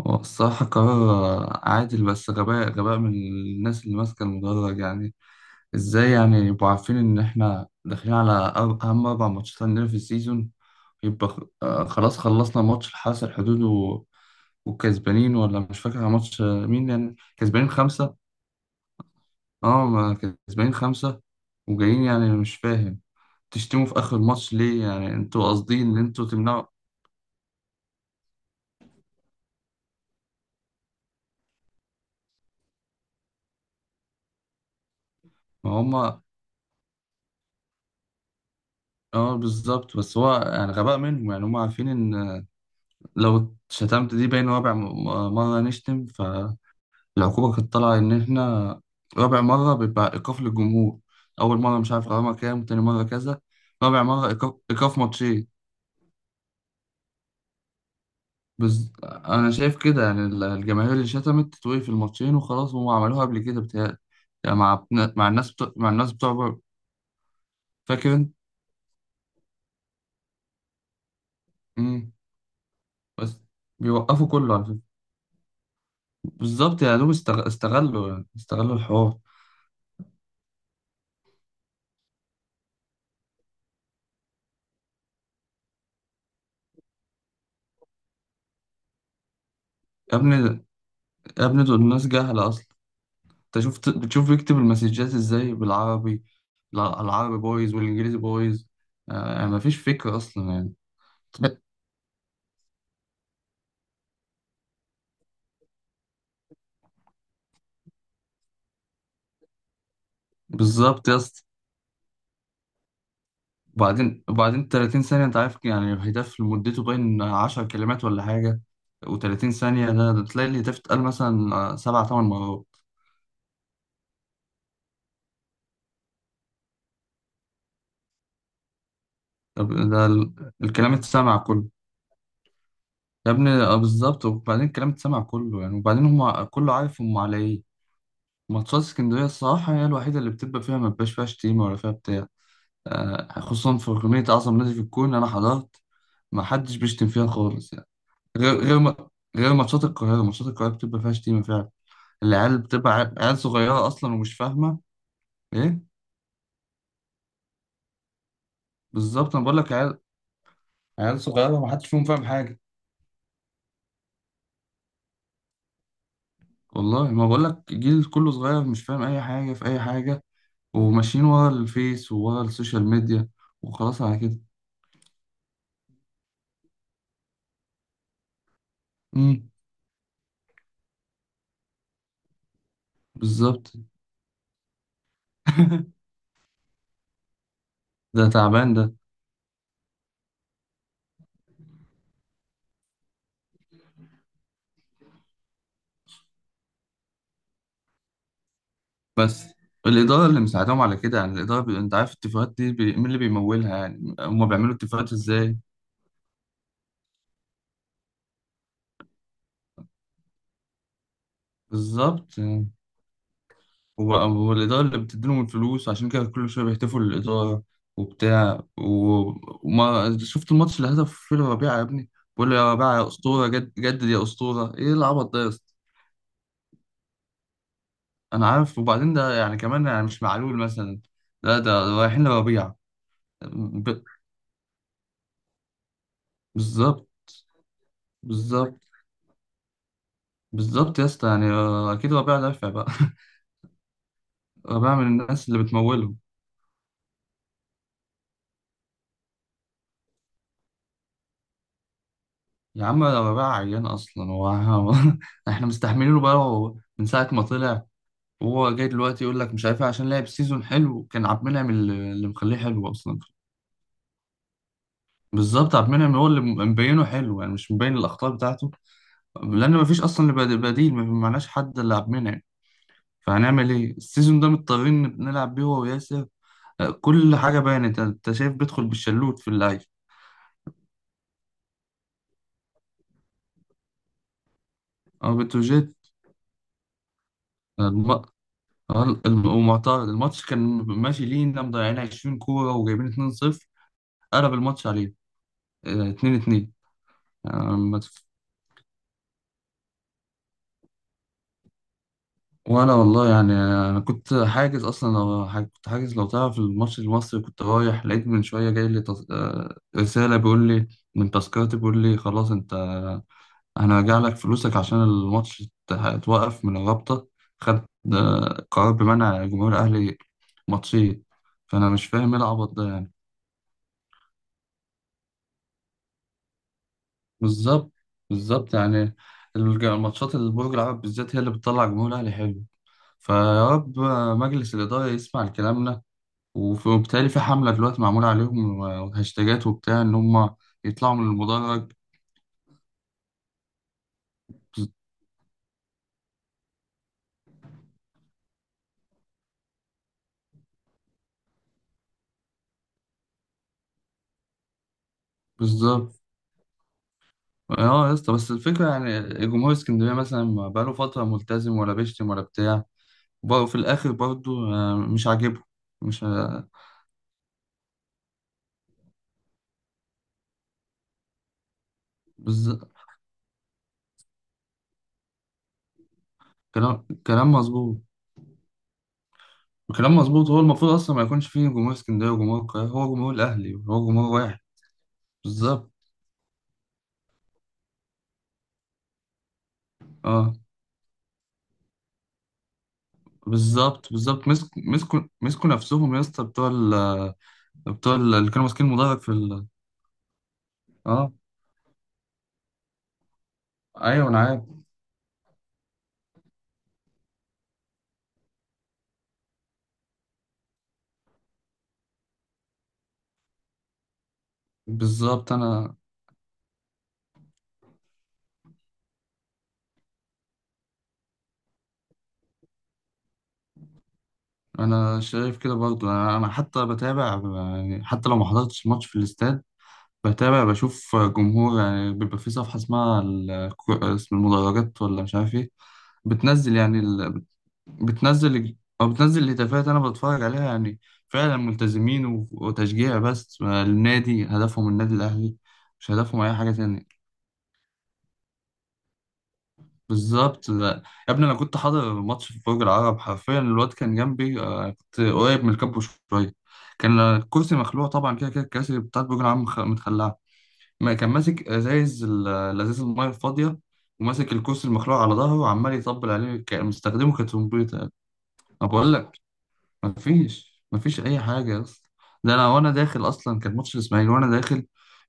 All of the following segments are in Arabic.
هو الصراحة قرار عادل، بس غباء غباء من الناس اللي ماسكة المدرج يعني. ازاي يعني يبقوا عارفين إن احنا داخلين على أهم أربع ماتشات عندنا في السيزون؟ يبقى خلاص، خلصنا ماتش الحرس الحدود و... وكسبانين، ولا مش فاكر ماتش مين، يعني كسبانين خمسة. اه ما كسبانين خمسة وجايين، يعني مش فاهم تشتموا في آخر الماتش ليه؟ يعني انتوا قاصدين إن انتوا تمنعوا؟ ما هما. اه بالظبط، بس هو يعني غباء منهم، يعني هما عارفين إن لو شتمت دي باين رابع مرة نشتم فالعقوبة كانت طالعة إن إحنا رابع مرة بيبقى إيقاف للجمهور. أول مرة مش عارف غرامة كام، تاني مرة كذا، رابع مرة إيقاف ماتشين. أنا شايف كده يعني الجماهير اللي شتمت تتوقف الماتشين وخلاص، هم عملوها قبل كده بتهيألي. يعني مع مع الناس بتوع بره. فاكر أنت؟ مم. بس بيوقفوا كله على فكرة. بالظبط، يا دوب استغلوا الحوار. يا ابني، يا ابني، دول ناس جهلة أصلا. انت شفت بتشوف يكتب المسجات ازاي بالعربي؟ لا، العربي بايظ والانجليزي بايظ. مفيش فكرة اصلا يعني. بالظبط يا اسطى. وبعدين 30 ثانية، انت عارف يعني الهتاف مدته باين 10 كلمات ولا حاجة، و30 ثانية ده تلاقي الهتاف اتقال مثلا سبع تمن مرات. طب ده الكلام اتسمع كله. يا ابني بالظبط، وبعدين الكلام اتسمع كله يعني، وبعدين هم كله عارف هم على ايه. ماتشات اسكندرية الصراحة هي الوحيدة اللي بتبقى فيها، ما بيبقاش فيها شتيمة ولا فيها بتاع. خصوصا في أغنية أعظم نادي في الكون، أنا حضرت ما حدش بيشتم فيها خالص يعني. غير غير ما غير ماتشات القاهرة بتبقى فيها شتيمة فعلا. العيال بتبقى عيال صغيرة أصلا ومش فاهمة إيه. بالظبط، أنا بقول لك عيال، عيال صغيرة ما حدش فيهم فاهم حاجة. والله ما بقول لك جيل كله صغير مش فاهم أي حاجة في أي حاجة، وماشيين ورا الفيس وورا السوشيال ميديا، وخلاص على كده. امم. بالظبط. ده تعبان ده. بس الإدارة اللي مساعدهم على كده يعني. الإدارة أنت عارف الاتفاقات دي مين اللي بيمولها؟ يعني هما بيعملوا اتفاقات إزاي؟ بالظبط يعني. هو الإدارة اللي بتديلهم الفلوس، عشان كده كل شوية بيهتفوا للإدارة وبتاع و... وما شفت الماتش اللي هدف فيه ربيعة يا ابني؟ بقول له يا ربيعة يا أسطورة، جدد يا أسطورة، إيه العبط ده يا اسطى؟ أنا عارف، وبعدين ده يعني كمان يعني مش معلول مثلا، لا ده رايحين لربيعة. ب... بالظبط، بالظبط، بالظبط يا اسطى، يعني أكيد ربيعة دافع بقى. أنا بقى من الناس اللي بتمولهم. يا عم ده بقى عيان اصلا هو. احنا مستحملينه بقى هو من ساعه ما طلع، وهو جاي دلوقتي يقول لك مش عارف إيه، عشان لعب سيزون حلو. كان عبد المنعم اللي مخليه حلو اصلا. بالظبط، عبد المنعم هو اللي مبينه حلو، يعني مش مبين الاخطاء بتاعته، لان مفيش اصلا بديل، ما معناش حد الا عبد المنعم. فهنعمل ايه؟ السيزون ده مضطرين نلعب بيه هو وياسر. كل حاجه بانت، انت شايف بيدخل بالشلوت في اللعيب او بتروجيت. ومعترض الماتش كان ماشي لينا، مضيعين 20 كورة وجايبين 2-0، قلب الماتش عليه 2-2. وانا والله يعني انا كنت حاجز اصلا، لو كنت حاجز لو تعرف الماتش المصري كنت رايح، لقيت من شويه جاي لي تص... آه، رساله بيقول لي من تذكرتي بيقول لي خلاص انت هنرجع لك فلوسك عشان الماتش اتوقف من الرابطه. خدت قرار بمنع جمهور الاهلي ماتشين. فانا مش فاهم ايه العبط ده. بالظبط. بالظبط يعني. الماتشات اللي برج العرب بالذات هي اللي بتطلع جمهور الاهلي حلو. فيا رب مجلس الاداره يسمع لكلامنا. وبالتالي في حمله دلوقتي معموله عليهم وهاشتاجات وبتاع ان هم يطلعوا من المدرج. بز- بالظبط. اه يا اسطى، بس الفكره يعني، جمهور اسكندريه مثلا ما بقاله فتره ملتزم، ولا بيشتم ولا بتاع، وبرضه في الاخر برضه مش عاجبه. مش بالظبط. كلام كلام مظبوط. الكلام مظبوط، هو المفروض اصلا ما يكونش فيه جمهور اسكندريه وجمهور القاهره، هو جمهور الاهلي هو جمهور واحد. بالظبط. اه بالظبط، بالظبط، مسكوا نفسهم يا اسطى، بتوع ال، اللي كانوا ماسكين المدرج في ال. اه ايوه انا عارف. بالظبط. انا انا شايف كده برضو، انا أنا حتى بتابع يعني، حتى لو ما حضرتش ماتش في الاستاد بتابع، بشوف جمهور. يعني بيبقى في صفحه اسمها اسم المدرجات، ولا مش عارف ايه، بتنزل يعني، بتنزل او بتنزل الهتافات، انا بتفرج عليها يعني. فعلا ملتزمين وتشجيع، بس النادي هدفهم، النادي الاهلي، مش هدفهم اي حاجه تانية. بالظبط، لا. يا ابني انا كنت حاضر ماتش في برج العرب حرفيا، الواد كان جنبي كنت قريب من الكابو شويه، كان الكرسي مخلوع طبعا، كده كده الكراسي بتاعت برج العرب متخلعه. ما كان ماسك ازايز الازايز الميه الفاضيه، وماسك الكرسي المخلوع على ظهره وعمال يطبل عليه مستخدمه كترمبيطه. انا بقول لك مفيش اي حاجه يا اسطى. ده انا وانا داخل اصلا كان ماتش الاسماعيلي، وانا داخل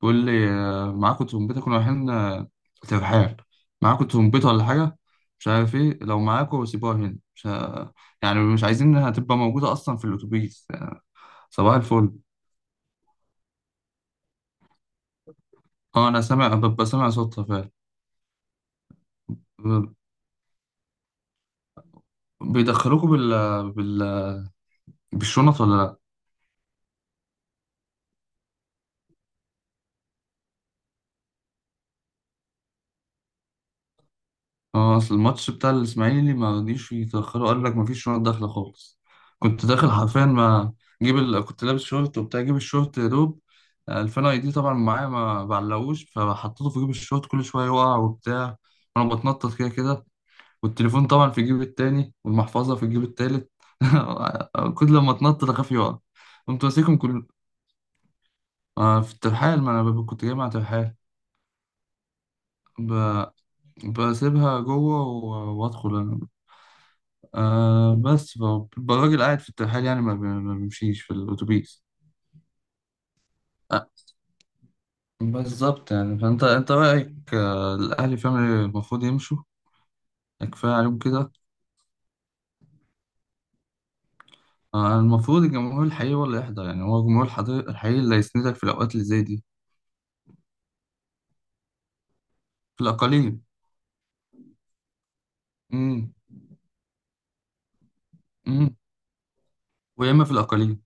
بيقول لي معاكم ترومبيطه؟ كنا رايحين ترحال. معاكم ترومبيطه ولا حاجه؟ مش عارف ايه. لو معاكم سيبوها هنا، مش يعني مش عايزين انها تبقى موجوده اصلا في الاتوبيس يعني. صباح الفل. اه انا سامع، ببقى سامع صوتها فعلا. ب- بيدخلوكوا بال... بالشنط ولا؟ اه، اصل الماتش بتاع الاسماعيلي ما رضيش يتاخروا، قال لك ما فيش شنط داخله خالص. كنت داخل حرفيا، ما كنت لابس شورت وبتاع، جيب الشورت يا دوب 2000 اي دي، طبعا معايا ما بعلقوش، فحطيته في جيب الشورت، كل شويه يقع وبتاع، وانا بتنطط كده كده، والتليفون طبعا في جيب التاني والمحفظه في الجيب التالت. كل لما اتنطط اخاف يقع. قمت ماسكهم كل في الترحال، ما انا كنت جاي مع ترحال، ب... بسيبها جوه وادخل انا. آه بس ف- الراجل قاعد في الترحال يعني، ما بيمشيش في الأتوبيس. آه بالظبط يعني. فأنت أنت رأيك الأهلي فعلا المفروض يمشوا. يعني كفاية عليهم كده. المفروض الجمهور الحقيقي هو اللي يحضر، يعني هو الجمهور الحقيقي اللي هيسندك في الأوقات اللي زي دي. في الأقاليم. امم. امم. ويا إما في الأقاليم.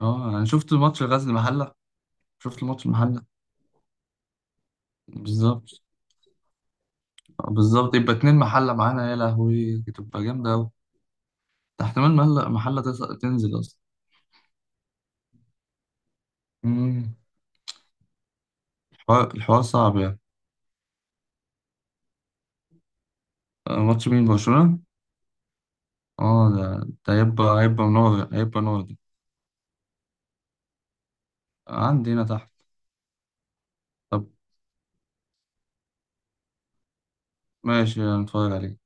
اه، أنا شفت ماتش غزل المحلة، شفت الماتش المحلة. بالظبط. بالظبط، يبقى اتنين محلة معانا، يا لهوي تبقى جامدة أوي. ده احتمال محلة تنزل أصلا. الحوار صعب يعني. ماتش مين؟ برشلونة؟ اه، ده هيبقى نور ده. عندي هنا تحت. طب ماشي، هنتفرج عليه.